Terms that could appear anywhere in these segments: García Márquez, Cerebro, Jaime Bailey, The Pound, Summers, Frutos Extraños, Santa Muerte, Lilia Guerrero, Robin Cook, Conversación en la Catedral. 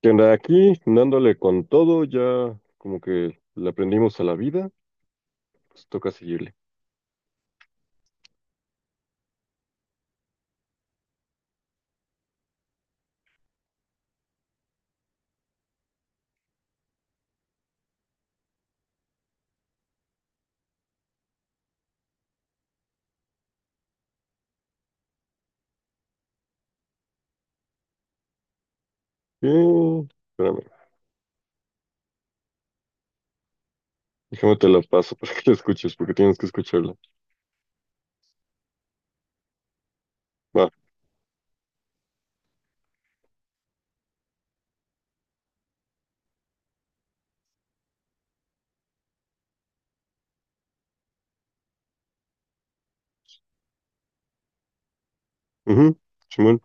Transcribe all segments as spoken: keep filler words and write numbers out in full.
Que anda aquí, dándole con todo, ya como que le aprendimos a la vida, pues toca seguirle. Eh, espérame, déjame te la paso para que la escuches, porque tienes que escucharla. Va, mhm. Simón.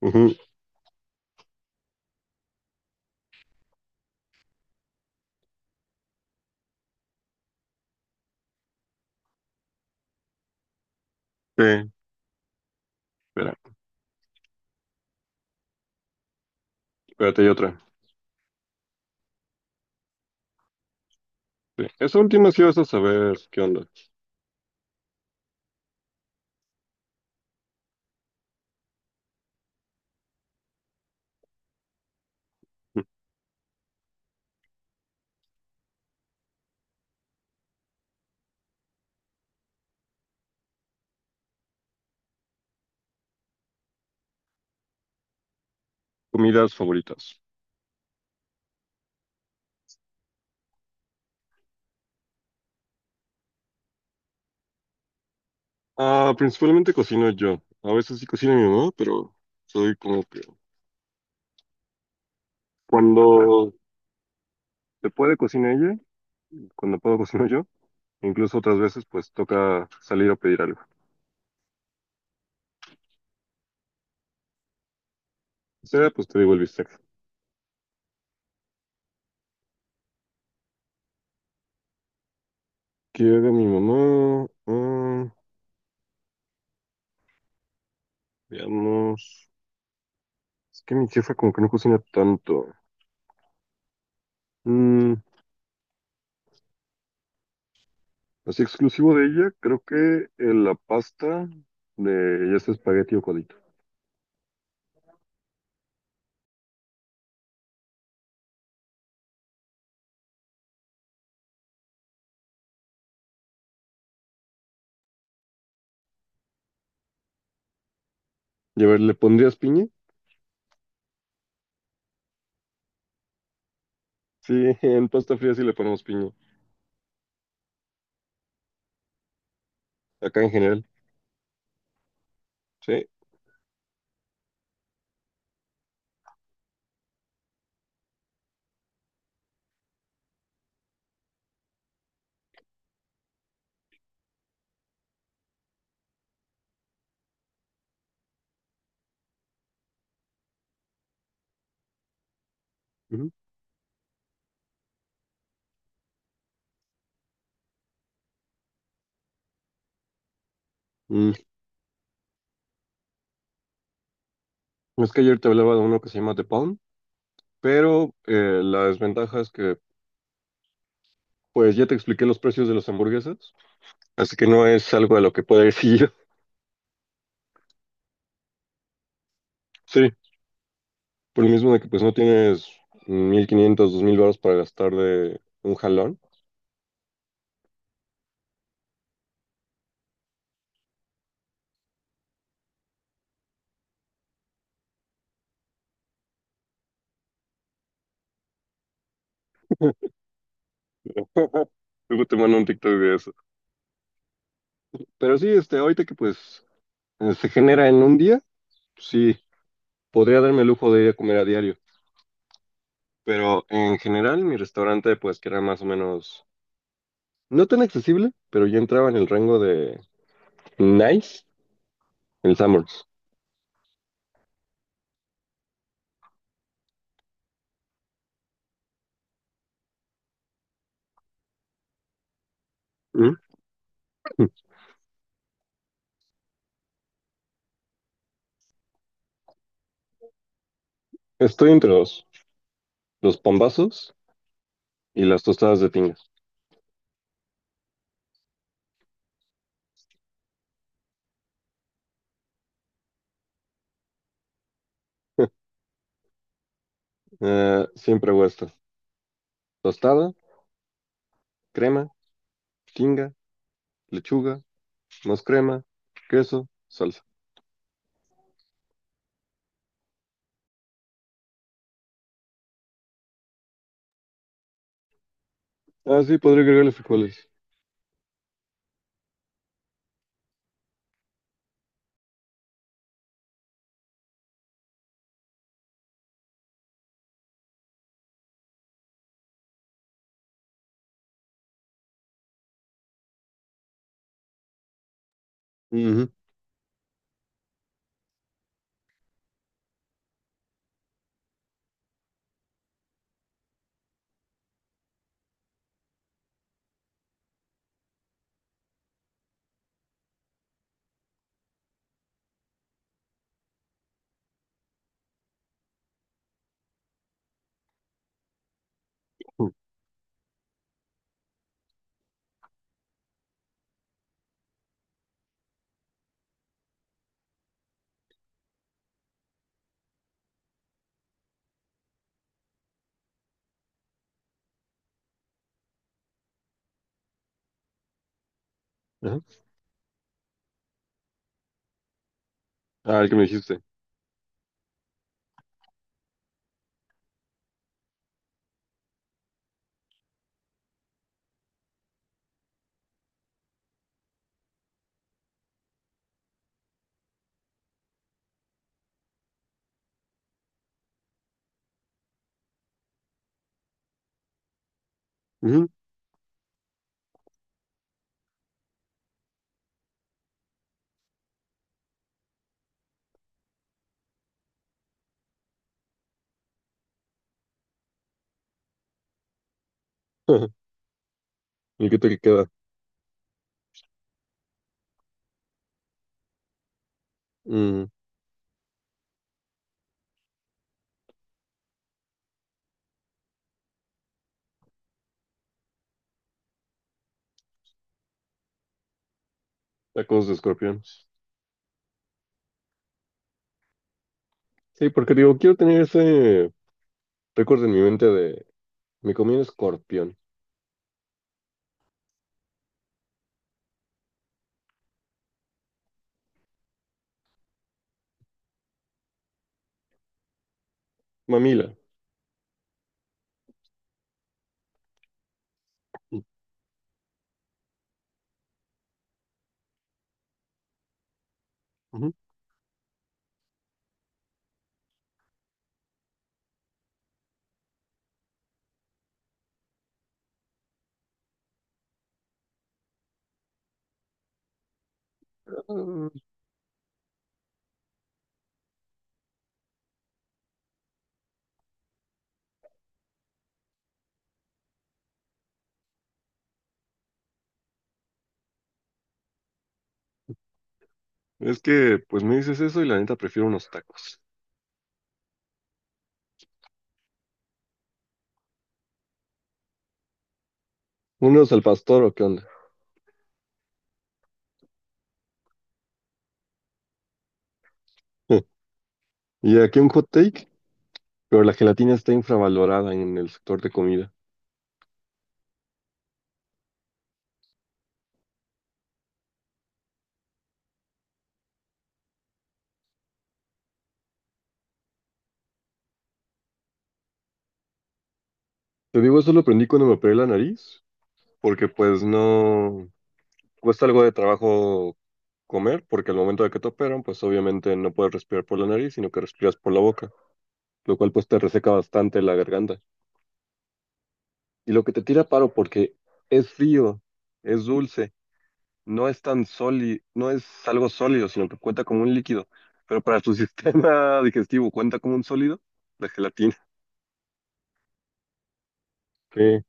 Ujú. Sí, espera, espérate, hay otra. Sí. Esa última sí vas a saber qué onda. Mm. Comidas favoritas. Ah, principalmente cocino yo. A veces sí cocina mi mamá, pero soy como que cuando se puede cocina ella, cuando puedo cocino yo. Incluso otras veces pues toca salir a pedir algo. Sea, pues te digo el bistec. Quiero mi mamá. Ah, veamos. Es que mi jefa como que no cocina tanto. Mm, así exclusivo de ella, creo que eh, la pasta de ya sea espagueti o codito. Y a ver, ¿le pondrías piña? Sí, en pasta fría sí le ponemos piña. Acá en general. Sí. Ujú. Mm, es que ayer te hablaba de uno que se llama The Pound, pero eh, la desventaja es que pues ya te expliqué los precios de las hamburguesas, así que no es algo de lo que pueda decir yo. Sí. Por lo mismo de que pues no tienes mil quinientos dos mil baros para gastar de un jalón. Luego te mando un TikTok de eso. Pero sí, este, ahorita que pues eh, se genera en un día, pues sí, podría darme el lujo de ir a comer a diario. Pero en general, mi restaurante pues que era más o menos, no tan accesible, pero ya entraba en el rango de nice, el Summers. Estoy entre los, los pambazos y las tostadas de tinga. Eh, siempre hago esto. Tostada, crema, tinga, lechuga, más crema, queso, salsa. Ah, sí, podría agregarle frijoles. Ujú. Ajá. Ah, el que me dijiste. Ujú. Ajá. El que te queda. Mm, Tacos de escorpión. Sí, porque digo, quiero tener ese recuerdo en mi mente de mi comida escorpión. Mamila. Ujú. Ah, es que, pues me dices eso y la neta prefiero unos tacos. ¿Unos al pastor o qué onda? ¿Y aquí un hot take? Pero la gelatina está infravalorada en el sector de comida. Te digo, eso lo aprendí cuando me operé la nariz, porque pues no cuesta algo de trabajo comer, porque al momento de que te operan, pues obviamente no puedes respirar por la nariz, sino que respiras por la boca, lo cual pues te reseca bastante la garganta. Y lo que te tira paro porque es frío, es dulce, no es tan sólido, no es algo sólido, sino que cuenta como un líquido, pero para tu sistema digestivo cuenta como un sólido, la gelatina. Sí,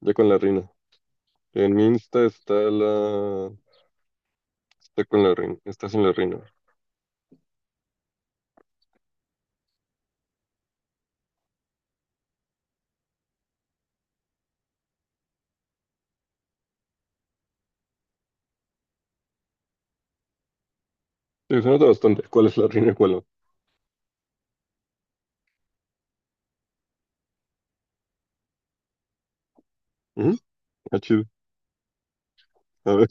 ya con la rina. En mi Insta está la... Está con la reina. Estás en la reina. Sí, se nota bastante. ¿Cuál es la reina y cuál no? Ujú. Ah, chido. A ver,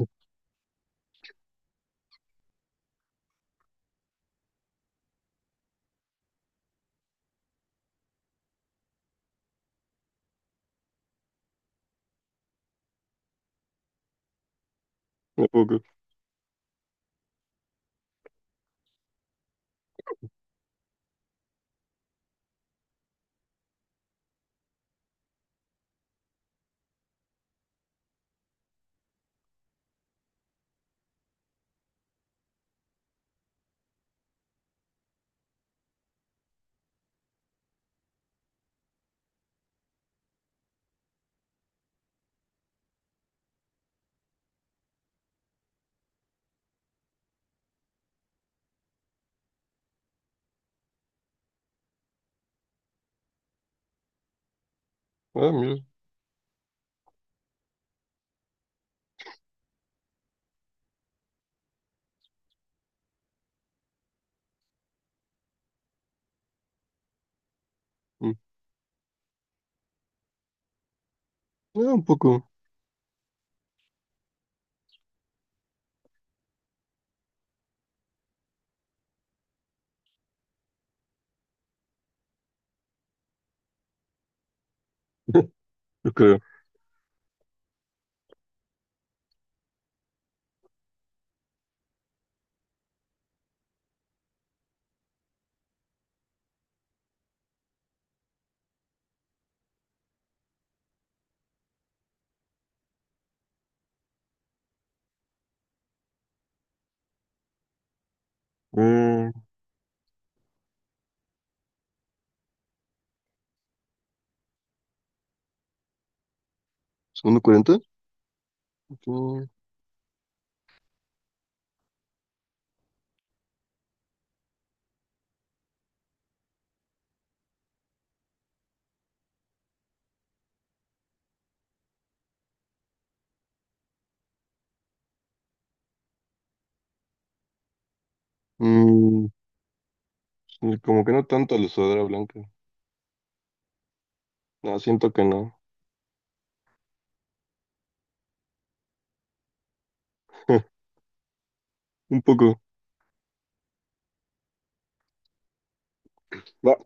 un poco. Ah, mira. Mm, ah, un poco. Yo creo. Mm, ¿Segundo cuarenta? Ok. Mm, sí, como que no tanto la sudadera blanca. No, siento que no. Un poco. Va.